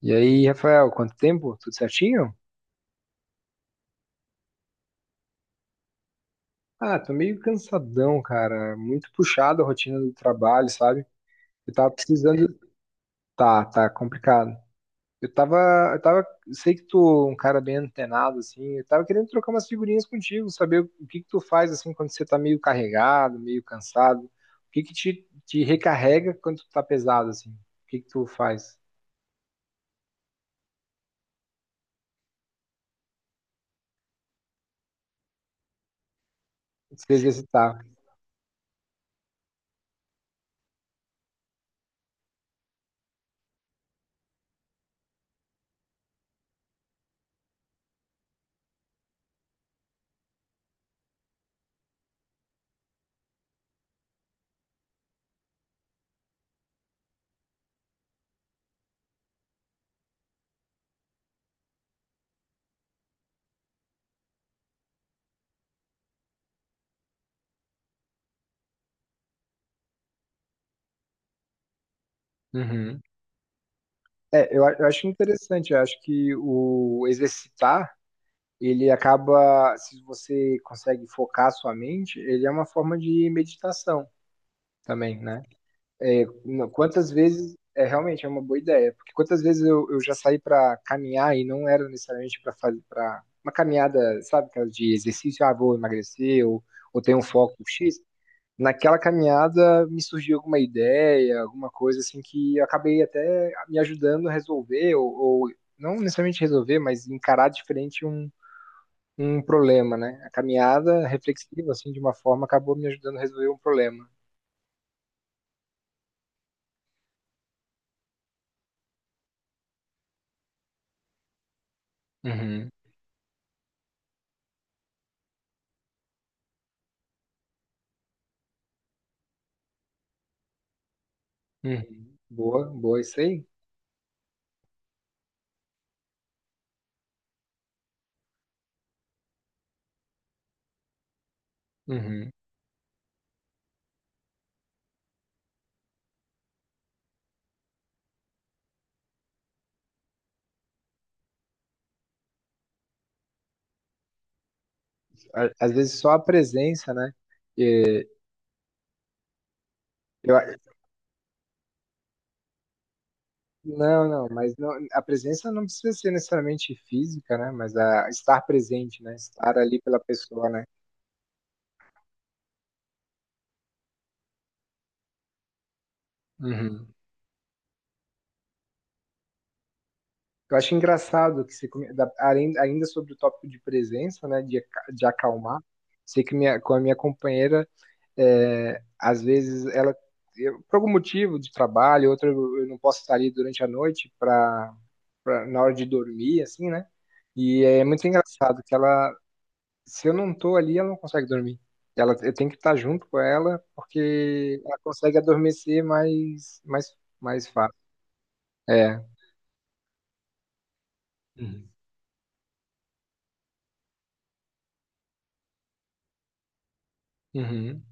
E aí, Rafael, quanto tempo? Tudo certinho? Ah, tô meio cansadão, cara. Muito puxado a rotina do trabalho, sabe? Eu tava precisando. Tá, tá complicado. Eu tava, eu tava, sei que tu é um cara bem antenado, assim. Eu tava querendo trocar umas figurinhas contigo, saber o que que tu faz, assim, quando você tá meio carregado, meio cansado. O que que te recarrega quando tu tá pesado, assim? O que que tu faz? Se exercitar. Uhum. É, eu acho interessante. Eu acho que o exercitar ele acaba, se você consegue focar a sua mente, ele é uma forma de meditação também, né? É, quantas vezes, é realmente é uma boa ideia, porque quantas vezes eu já saí para caminhar e não era necessariamente para fazer para uma caminhada, sabe, aquela de exercício, ah, vou emagrecer ou tenho um foco X. Naquela caminhada me surgiu alguma ideia, alguma coisa assim que eu acabei até me ajudando a resolver ou não necessariamente resolver, mas encarar diferente um problema, né? A caminhada reflexiva, assim, de uma forma, acabou me ajudando a resolver um problema. Uhum, uhum. Boa, boa, isso aí. Uhum. Às vezes só a presença, né? E eu a- não, não, a presença não precisa ser necessariamente física, né? Mas a estar presente, né? Estar ali pela pessoa, né? Uhum. Eu acho engraçado que você, ainda sobre o tópico de presença, né? De acalmar, sei que com a minha companheira é, às vezes ela, por algum motivo de trabalho, outro eu não posso estar ali durante a noite para na hora de dormir, assim, né? E é muito engraçado que ela, se eu não tô ali, ela não consegue dormir. Ela, eu tenho que estar junto com ela porque ela consegue adormecer mais fácil. É. Uhum. Uhum.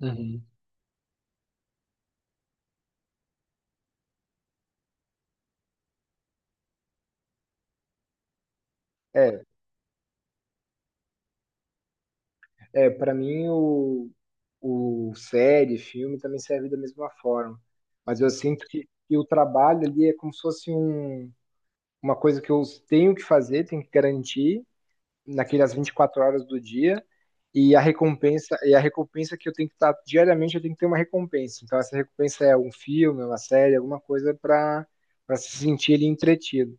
Uhum. É, É, para mim o série, filme também serve da mesma forma. Mas eu sinto que o trabalho ali é como se fosse um, uma coisa que eu tenho que fazer, tenho que garantir naquelas 24 horas do dia e a recompensa que eu tenho que estar diariamente, eu tenho que ter uma recompensa. Então essa recompensa é um filme, é uma série, alguma coisa para se sentir ali entretido.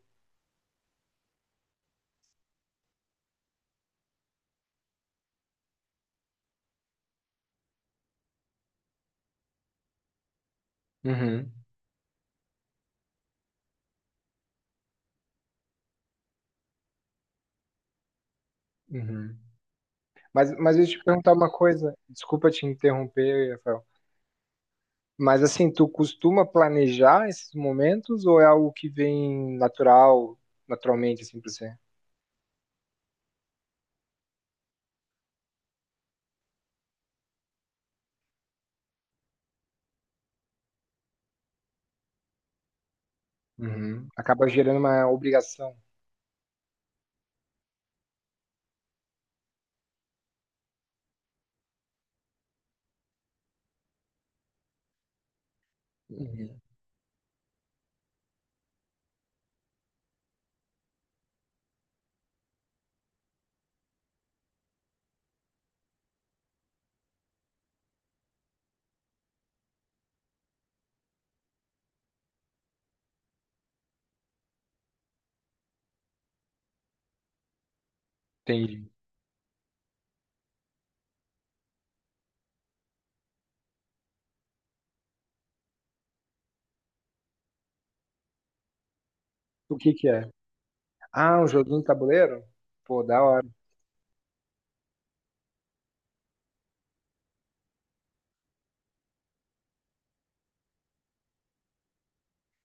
Uhum, uhum. Mas, deixa eu te perguntar uma coisa, desculpa te interromper, Rafael. Mas assim, tu costuma planejar esses momentos ou é algo que vem natural, naturalmente, assim, pra você? Uhum. Acaba gerando uma obrigação. Uhum. Entendi. O que que é? Ah, um joguinho de tabuleiro? Pô, da hora.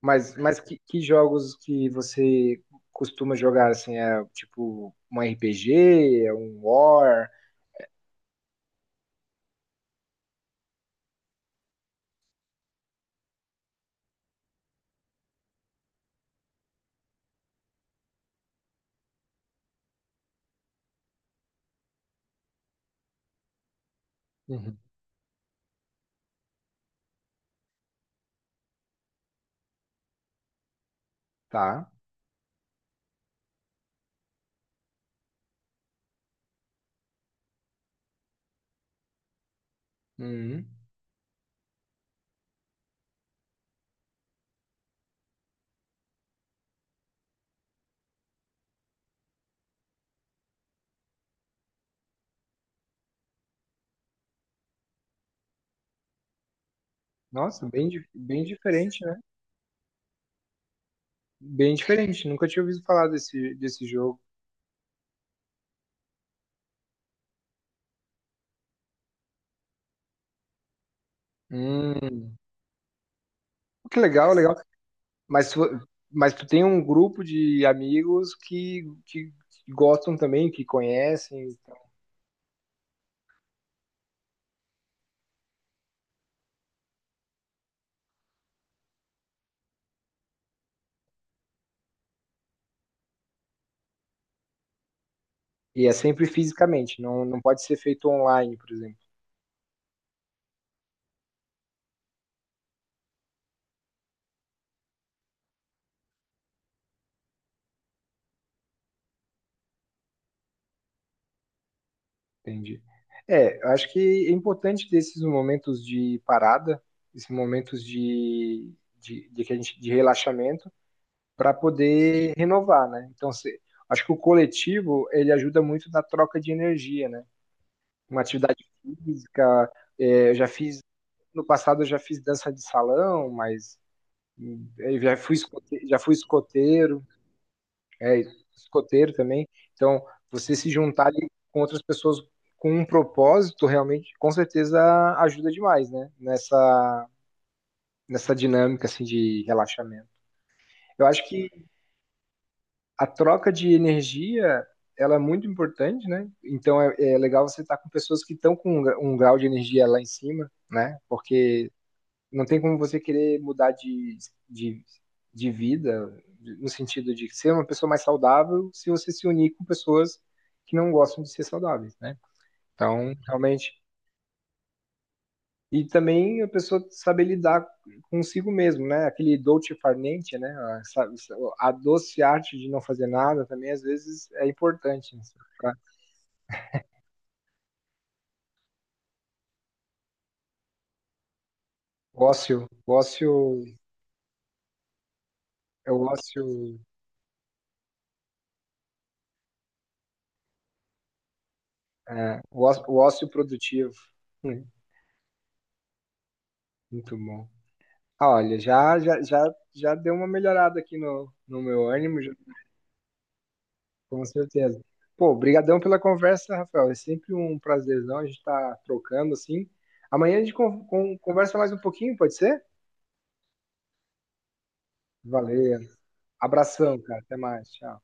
Mas, que jogos que você costuma jogar, assim, é tipo um RPG, é um War? Uhum. Tá. Uhum. Nossa, bem diferente, né? Bem diferente. Nunca tinha ouvido falar desse jogo. Hum. Que legal, legal. Mas, tu- mas tu tem um grupo de amigos que gostam também, que conhecem, então. E é sempre fisicamente, não, não pode ser feito online, por exemplo. Entendi. É, eu acho que é importante ter esses momentos de parada, esses momentos de, que a gente, de relaxamento, para poder renovar, né? Então, acho que o coletivo, ele ajuda muito na troca de energia, né? Uma atividade física, é, eu já fiz no passado eu já fiz dança de salão, mas eu já fui escoteiro, é, escoteiro também. Então, você se juntar ali com outras pessoas com um propósito realmente, com certeza ajuda demais, né? Nessa dinâmica assim de relaxamento. Eu acho que a troca de energia ela é muito importante, né? Então é legal você estar com pessoas que estão com um grau de energia lá em cima, né? Porque não tem como você querer mudar de, de vida, no sentido de ser uma pessoa mais saudável, se você se unir com pessoas que não gostam de ser saudáveis, né? Então, realmente. E também a pessoa saber lidar consigo mesmo, né? Aquele dolce far niente, né? A doce arte de não fazer nada também, às vezes, é importante, né? Pra- O ócio, é o ócio, o ócio produtivo. Hum, Muito bom. Olha, já deu uma melhorada aqui no meu ânimo, com certeza. Pô, brigadão pela conversa, Rafael. É sempre um prazerzão a gente estar trocando assim. Amanhã a gente conversa mais um pouquinho, pode ser? Valeu. Abração, cara. Até mais. Tchau.